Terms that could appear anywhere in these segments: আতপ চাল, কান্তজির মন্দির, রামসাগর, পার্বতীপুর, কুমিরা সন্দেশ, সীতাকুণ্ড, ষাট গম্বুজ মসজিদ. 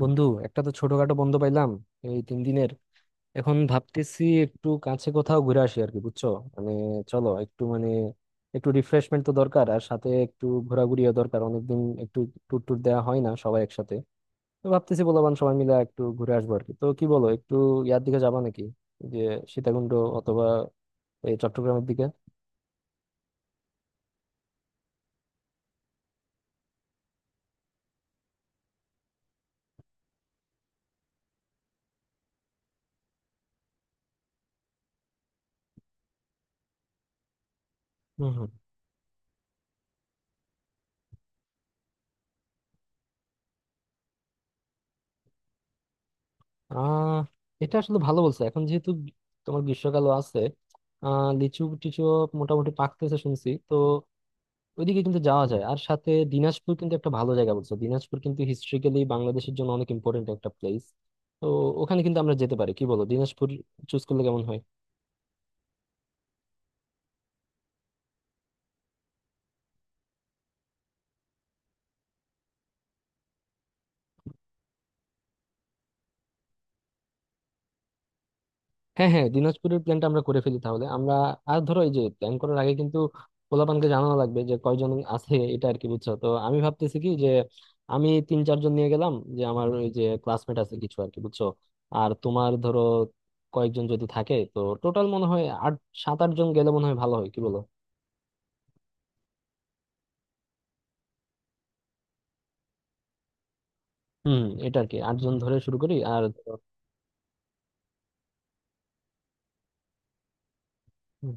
বন্ধু, একটা তো ছোটখাটো বন্ধ পাইলাম এই 3 দিনের। এখন ভাবতেছি একটু কাছে কোথাও ঘুরে আসি আর কি, বুঝছো? মানে চলো একটু একটু রিফ্রেশমেন্ট তো দরকার, আর সাথে একটু ঘোরাঘুরিও দরকার। অনেকদিন একটু ট্যুর ট্যুর দেওয়া হয় না সবাই একসাথে। তো ভাবতেছি বলবান সবাই মিলে একটু ঘুরে আসবো আর কি, তো কি বলো? একটু দিকে যাবা নাকি? যে সীতাকুণ্ড অথবা এই চট্টগ্রামের দিকে। হম হম। আহ এটা আসলে ভালো বলছো, এখন যেহেতু তোমার গ্রীষ্মকালও আছে। লিচু টিচু মোটামুটি পাকতেছে শুনছি তো, ওইদিকে কিন্তু যাওয়া যায়। আর সাথে দিনাজপুর কিন্তু একটা ভালো জায়গা বলছো। দিনাজপুর কিন্তু হিস্ট্রিক্যালি বাংলাদেশের জন্য অনেক ইম্পর্টেন্ট একটা প্লেস। তো ওখানে কিন্তু আমরা যেতে পারি, কি বলো? দিনাজপুর চুজ করলে কেমন হয়? হ্যাঁ হ্যাঁ, দিনাজপুরের প্ল্যানটা আমরা করে ফেলি তাহলে আমরা। আর ধরো, এই যে প্ল্যান করার আগে কিন্তু পোলাপানকে জানানো লাগবে যে কয়জন আছে এটা আর কি, বুঝছো? তো আমি ভাবতেছি কি যে আমি তিন চারজন নিয়ে গেলাম, যে আমার ওই যে ক্লাসমেট আছে কিছু আর কি, বুঝছো? আর তোমার ধরো কয়েকজন যদি থাকে, তো টোটাল মনে হয় আট 7-8 জন গেলে মনে হয় ভালো হয়, কি বলো? হুম, এটা আর কি আটজন ধরে শুরু করি আর হুম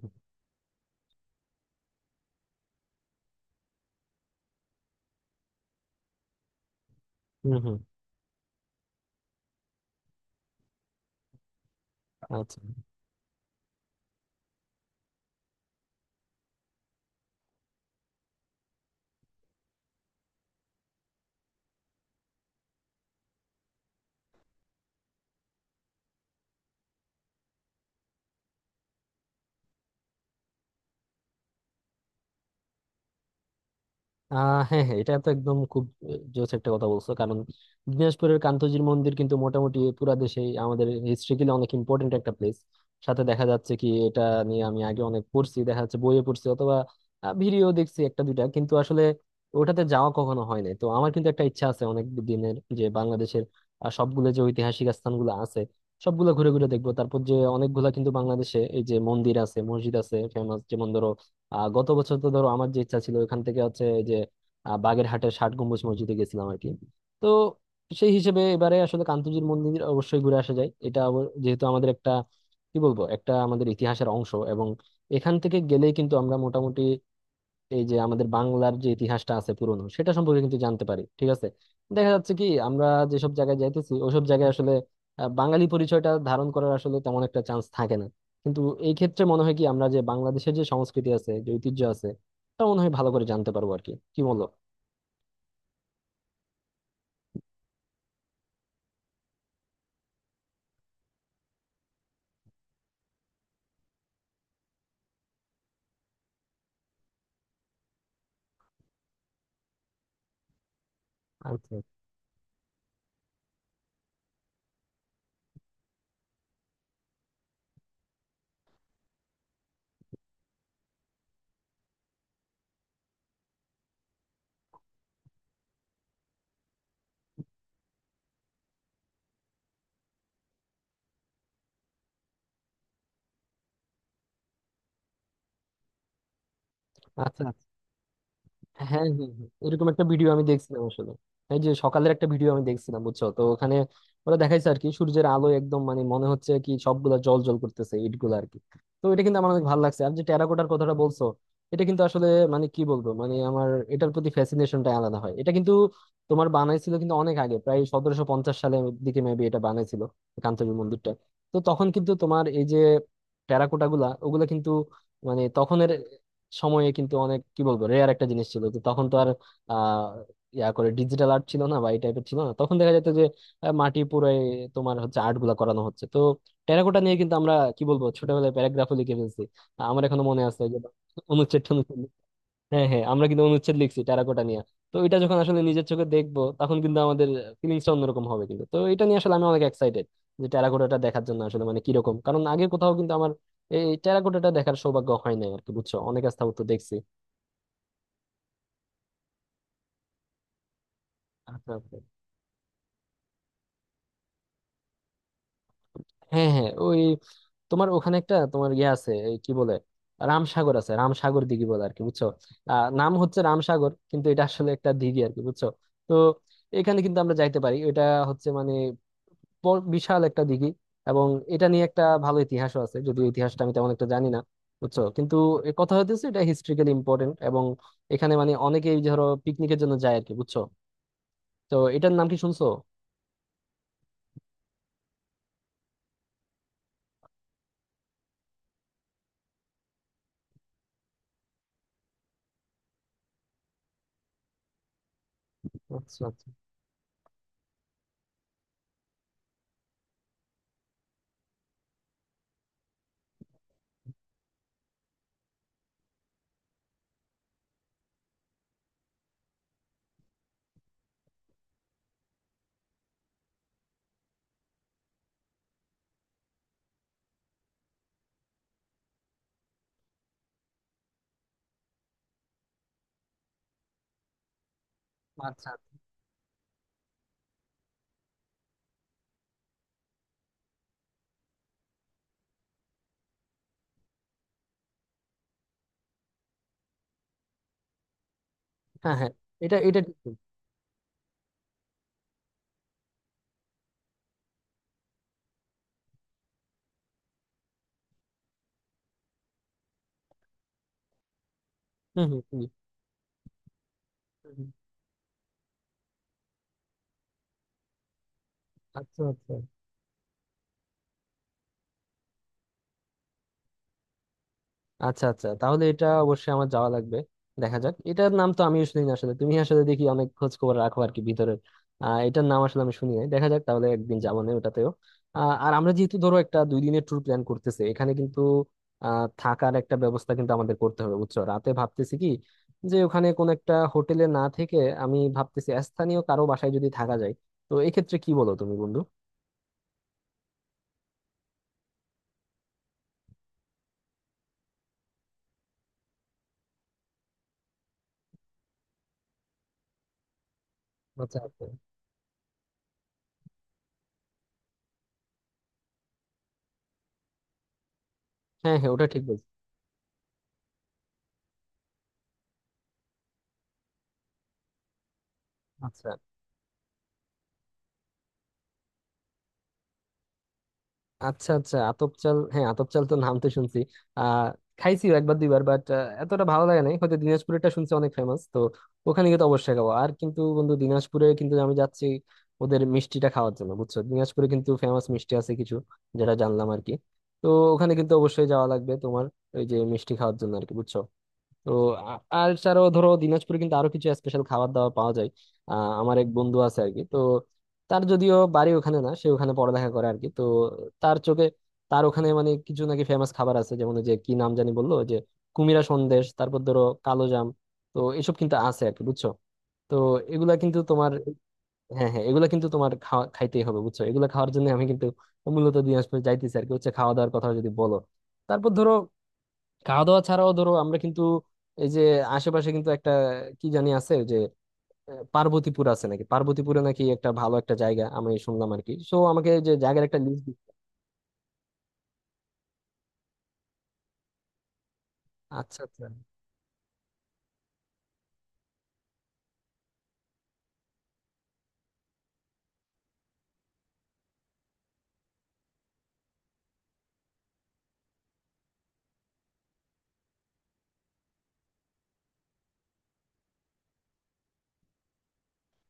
হুম, হুম, হুম, আচ্ছা। হ্যাঁ হ্যাঁ, এটা তো একদম খুব জোস একটা কথা বলছো কারণ দিনাজপুরের কান্তজির মন্দির কিন্তু মোটামুটি পুরা দেশে আমাদের হিস্ট্রিক্যালি অনেক ইম্পর্টেন্ট একটা প্লেস। সাথে দেখা যাচ্ছে কি এটা নিয়ে আমি আগে অনেক পড়ছি, দেখা যাচ্ছে বইয়ে পড়ছি অথবা ভিডিও দেখছি একটা দুইটা, কিন্তু আসলে ওটাতে যাওয়া কখনো হয় নাই। তো আমার কিন্তু একটা ইচ্ছা আছে অনেক দিনের যে বাংলাদেশের সবগুলো যে ঐতিহাসিক স্থানগুলো আছে সবগুলো ঘুরে ঘুরে দেখবো। তারপর যে অনেকগুলা কিন্তু বাংলাদেশে এই যে মন্দির আছে মসজিদ আছে ফেমাস, যেমন ধরো গত বছর তো ধরো আমার যে ইচ্ছা ছিল ওখান থেকে হচ্ছে এই যে বাগেরহাটের ষাট গম্বুজ মসজিদে গেছিলাম আর কি। তো সেই হিসেবে এবারে আসলে কান্তজির মন্দির অবশ্যই ঘুরে আসা যায়। এটা যেহেতু আমাদের একটা কি বলবো একটা আমাদের ইতিহাসের অংশ, এবং এখান থেকে গেলেই কিন্তু আমরা মোটামুটি এই যে আমাদের বাংলার যে ইতিহাসটা আছে পুরনো, সেটা সম্পর্কে কিন্তু জানতে পারি, ঠিক আছে। দেখা যাচ্ছে কি আমরা যেসব জায়গায় যাইতেছি ওসব জায়গায় আসলে বাঙালি পরিচয়টা ধারণ করার আসলে তেমন একটা চান্স থাকে না। কিন্তু এই ক্ষেত্রে মনে হয় কি আমরা যে বাংলাদেশের যে সংস্কৃতি আছে যে ঐতিহ্য আছে, তা মনে হয় ভালো করে জানতে পারবো আর কি, কি বলো? আচ্ছা আচ্ছা, আচ্ছা। হ্যাঁ হ্যাঁ হ্যাঁ। এরকম একটা ভিডিও আমি দেখছিলাম আসলে। এই যে সকালের একটা ভিডিও আমি দেখছিলাম, বুঝছো তো ওখানে ওরা দেখাইছে আর কি, সূর্যের আলো একদম মানে মনে হচ্ছে কি সবগুলা জল জল করতেছে ইট গুলা আর কি। তো এটা কিন্তু আমার অনেক ভালো লাগছে। আর যে টেরাকোটার কথাটা বলছো, এটা কিন্তু আসলে মানে কি বলবো মানে আমার এটার প্রতি ফ্যাসিনেশনটা আলাদা হয়। এটা কিন্তু তোমার বানাইছিল কিন্তু অনেক আগে, প্রায় 1750 সালের দিকে মেবি এটা বানাইছিল, কান্তবি মন্দিরটা। তো তখন কিন্তু তোমার এই যে টেরাকোটা গুলা ওগুলা কিন্তু মানে তখনের সময়ে কিন্তু অনেক কি বলবো রেয়ার একটা জিনিস ছিল। তো তখন তো আর আহ ইয়া করে ডিজিটাল আর্ট ছিল না বা এই টাইপের ছিল না। তখন দেখা যেত যে মাটি পুরো তোমার হচ্ছে আর্ট গুলা করানো হচ্ছে। তো টেরাকোটা নিয়ে কিন্তু আমরা কি বলবো ছোটবেলায় প্যারাগ্রাফও লিখে ফেলছি। আমার এখনো মনে আছে যে অনুচ্ছেদ টনুচ্ছেদ। হ্যাঁ হ্যাঁ, আমরা কিন্তু অনুচ্ছেদ লিখছি টেরাকোটা নিয়ে। তো এটা যখন আসলে নিজের চোখে দেখবো তখন কিন্তু আমাদের ফিলিংসটা অন্যরকম হবে কিন্তু। তো এটা নিয়ে আসলে আমি অনেক এক্সাইটেড যে টেরাকোটাটা দেখার জন্য আসলে, মানে কিরকম, কারণ আগে কোথাও কিন্তু আমার এই টেরাকোটাটা দেখার সৌভাগ্য হয় নাই আর কি, বুঝছো, অনেক স্থাপত্য দেখছি। আচ্ছা আচ্ছা। হ্যাঁ হ্যাঁ, ওই তোমার ওখানে একটা তোমার আছে এই কি বলে রামসাগর আছে, রামসাগর দিঘি বলে আর কি, বুঝছো? নাম হচ্ছে রামসাগর কিন্তু এটা আসলে একটা দিঘি আর কি, বুঝছো? তো এখানে কিন্তু আমরা যাইতে পারি। এটা হচ্ছে মানে বিশাল একটা দিঘি। এবং এটা নিয়ে একটা ভালো ইতিহাসও আছে, যদিও ইতিহাসটা আমি তেমন একটা জানি না, বুঝছো, কিন্তু এ কথা হইতেছে এটা হিস্ট্রিক্যালি ইম্পর্টেন্ট। এবং এখানে মানে অনেকেই ধরো পিকনিকের জন্য যায় আর কি, বুঝছো। তো এটার নাম কি শুনছো? আচ্ছা আচ্ছা, আচ্ছা আচ্ছা। হ্যাঁ হ্যাঁ, এটা এটা ঠিক। হুম হুম হুম। আচ্ছা আচ্ছা, আচ্ছা আচ্ছা, তাহলে এটা অবশ্যই আমার যাওয়া লাগবে। দেখা যাক, এটার নাম তো আমিও শুনি না আসলে, তুমি আসলে দেখি অনেক খোঁজ খবর রাখো আর কি ভিতরের। এটার নাম আসলে আমি শুনি নাই। দেখা যাক তাহলে, একদিন যাবো না ওটাতেও। আর আমরা যেহেতু ধরো একটা 2 দিনের ট্যুর প্ল্যান করতেছি, এখানে কিন্তু থাকার একটা ব্যবস্থা কিন্তু আমাদের করতে হবে, বুঝছো। রাতে ভাবতেছি কি যে ওখানে কোন একটা হোটেলে না থেকে আমি ভাবতেছি স্থানীয় কারো বাসায় যদি থাকা যায়। তো এক্ষেত্রে কি বলো তুমি বন্ধু? আচ্ছা আচ্ছা। হ্যাঁ হ্যাঁ, ওটা ঠিক বলছো। আচ্ছা আচ্ছা, আচ্ছা আতপ চাল, হ্যাঁ আতপ চাল তো নাম তো শুনছি। আহ খাইছিও একবার দুইবার বাট এতটা ভালো লাগে নাই, হয়তো দিনাজপুরেরটা শুনছি অনেক ফেমাস। তো ওখানে গিয়ে তো অবশ্যই খাবো। আর কিন্তু বন্ধু দিনাজপুরে কিন্তু আমি যাচ্ছি ওদের মিষ্টিটা খাওয়ার জন্য, বুঝছো দিনাজপুরে কিন্তু ফেমাস মিষ্টি আছে কিছু, যেটা জানলাম আর কি। তো ওখানে কিন্তু অবশ্যই যাওয়া লাগবে তোমার, ওই যে মিষ্টি খাওয়ার জন্য আর কি, বুঝছো। তো আর ছাড়াও ধরো দিনাজপুরে কিন্তু আরো কিছু স্পেশাল খাবার দাবার পাওয়া যায়। আহ আমার এক বন্ধু আছে আর কি, তো তার যদিও বাড়ি ওখানে না, সে ওখানে পড়ালেখা করে আর কি। তো তার চোখে তার ওখানে মানে কিছু নাকি ফেমাস খাবার আছে, যেমন ওই যে কি নাম জানি বললো ওই যে কুমিরা সন্দেশ, তারপর ধরো কালো জাম। তো এসব কিন্তু আছে আর কি, বুঝছো। তো এগুলা কিন্তু তোমার হ্যাঁ হ্যাঁ এগুলা কিন্তু তোমার খাওয়া খাইতেই হবে, বুঝছো এগুলা খাওয়ার জন্য আমি কিন্তু মূলত দিনাজপুর যাইতেছি আর কি, হচ্ছে খাওয়া দাওয়ার কথা যদি বলো। তারপর ধরো খাওয়া দাওয়া ছাড়াও ধরো আমরা কিন্তু এই যে আশেপাশে কিন্তু একটা কি জানি আছে যে পার্বতীপুর আছে নাকি, পার্বতীপুরে নাকি একটা ভালো একটা জায়গা আমি শুনলাম আর কি, সো আমাকে যে জায়গার একটা লিস্ট। আচ্ছা আচ্ছা।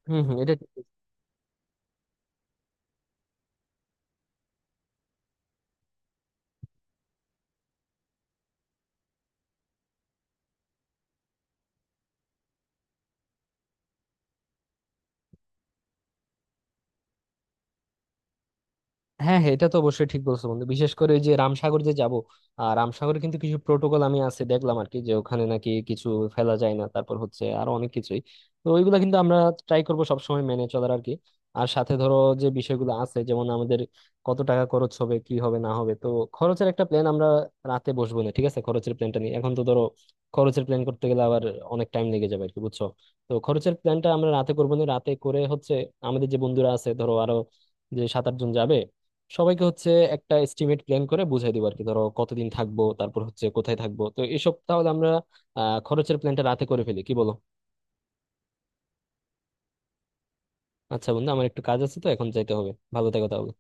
হম হম, এটা ঠিক। হ্যাঁ হ্যাঁ, এটা তো অবশ্যই ঠিক বলছো বন্ধু, বিশেষ করে ওই যে রামসাগর যে যাব। আর রামসাগরে কিন্তু কিছু প্রোটোকল আমি আছে দেখলাম আর কি, যে ওখানে নাকি কিছু ফেলা যায় না, তারপর হচ্ছে আরো অনেক কিছুই। তো ওইগুলা কিন্তু আমরা ট্রাই করব সবসময় মেনে চলার আর কি। আর সাথে ধরো যে বিষয়গুলো আছে যেমন আমাদের কত টাকা খরচ হবে কি হবে না হবে, তো খরচের একটা প্ল্যান আমরা রাতে বসবো না ঠিক আছে খরচের প্ল্যানটা নিয়ে। এখন তো ধরো খরচের প্ল্যান করতে গেলে আবার অনেক টাইম লেগে যাবে আর কি, বুঝছো। তো খরচের প্ল্যানটা আমরা রাতে করবো না রাতে করে হচ্ছে, আমাদের যে বন্ধুরা আছে ধরো আরো যে 7-8 জন যাবে সবাইকে হচ্ছে একটা এস্টিমেট প্ল্যান করে বুঝাই দিব আর কি, ধরো কতদিন থাকবো তারপর হচ্ছে কোথায় থাকবো। তো এসব তাহলে আমরা খরচের প্ল্যানটা রাতে করে ফেলি, কি বলো? আচ্ছা বন্ধু আমার একটু কাজ আছে, তো এখন যাইতে হবে। ভালো থেকো তাহলে।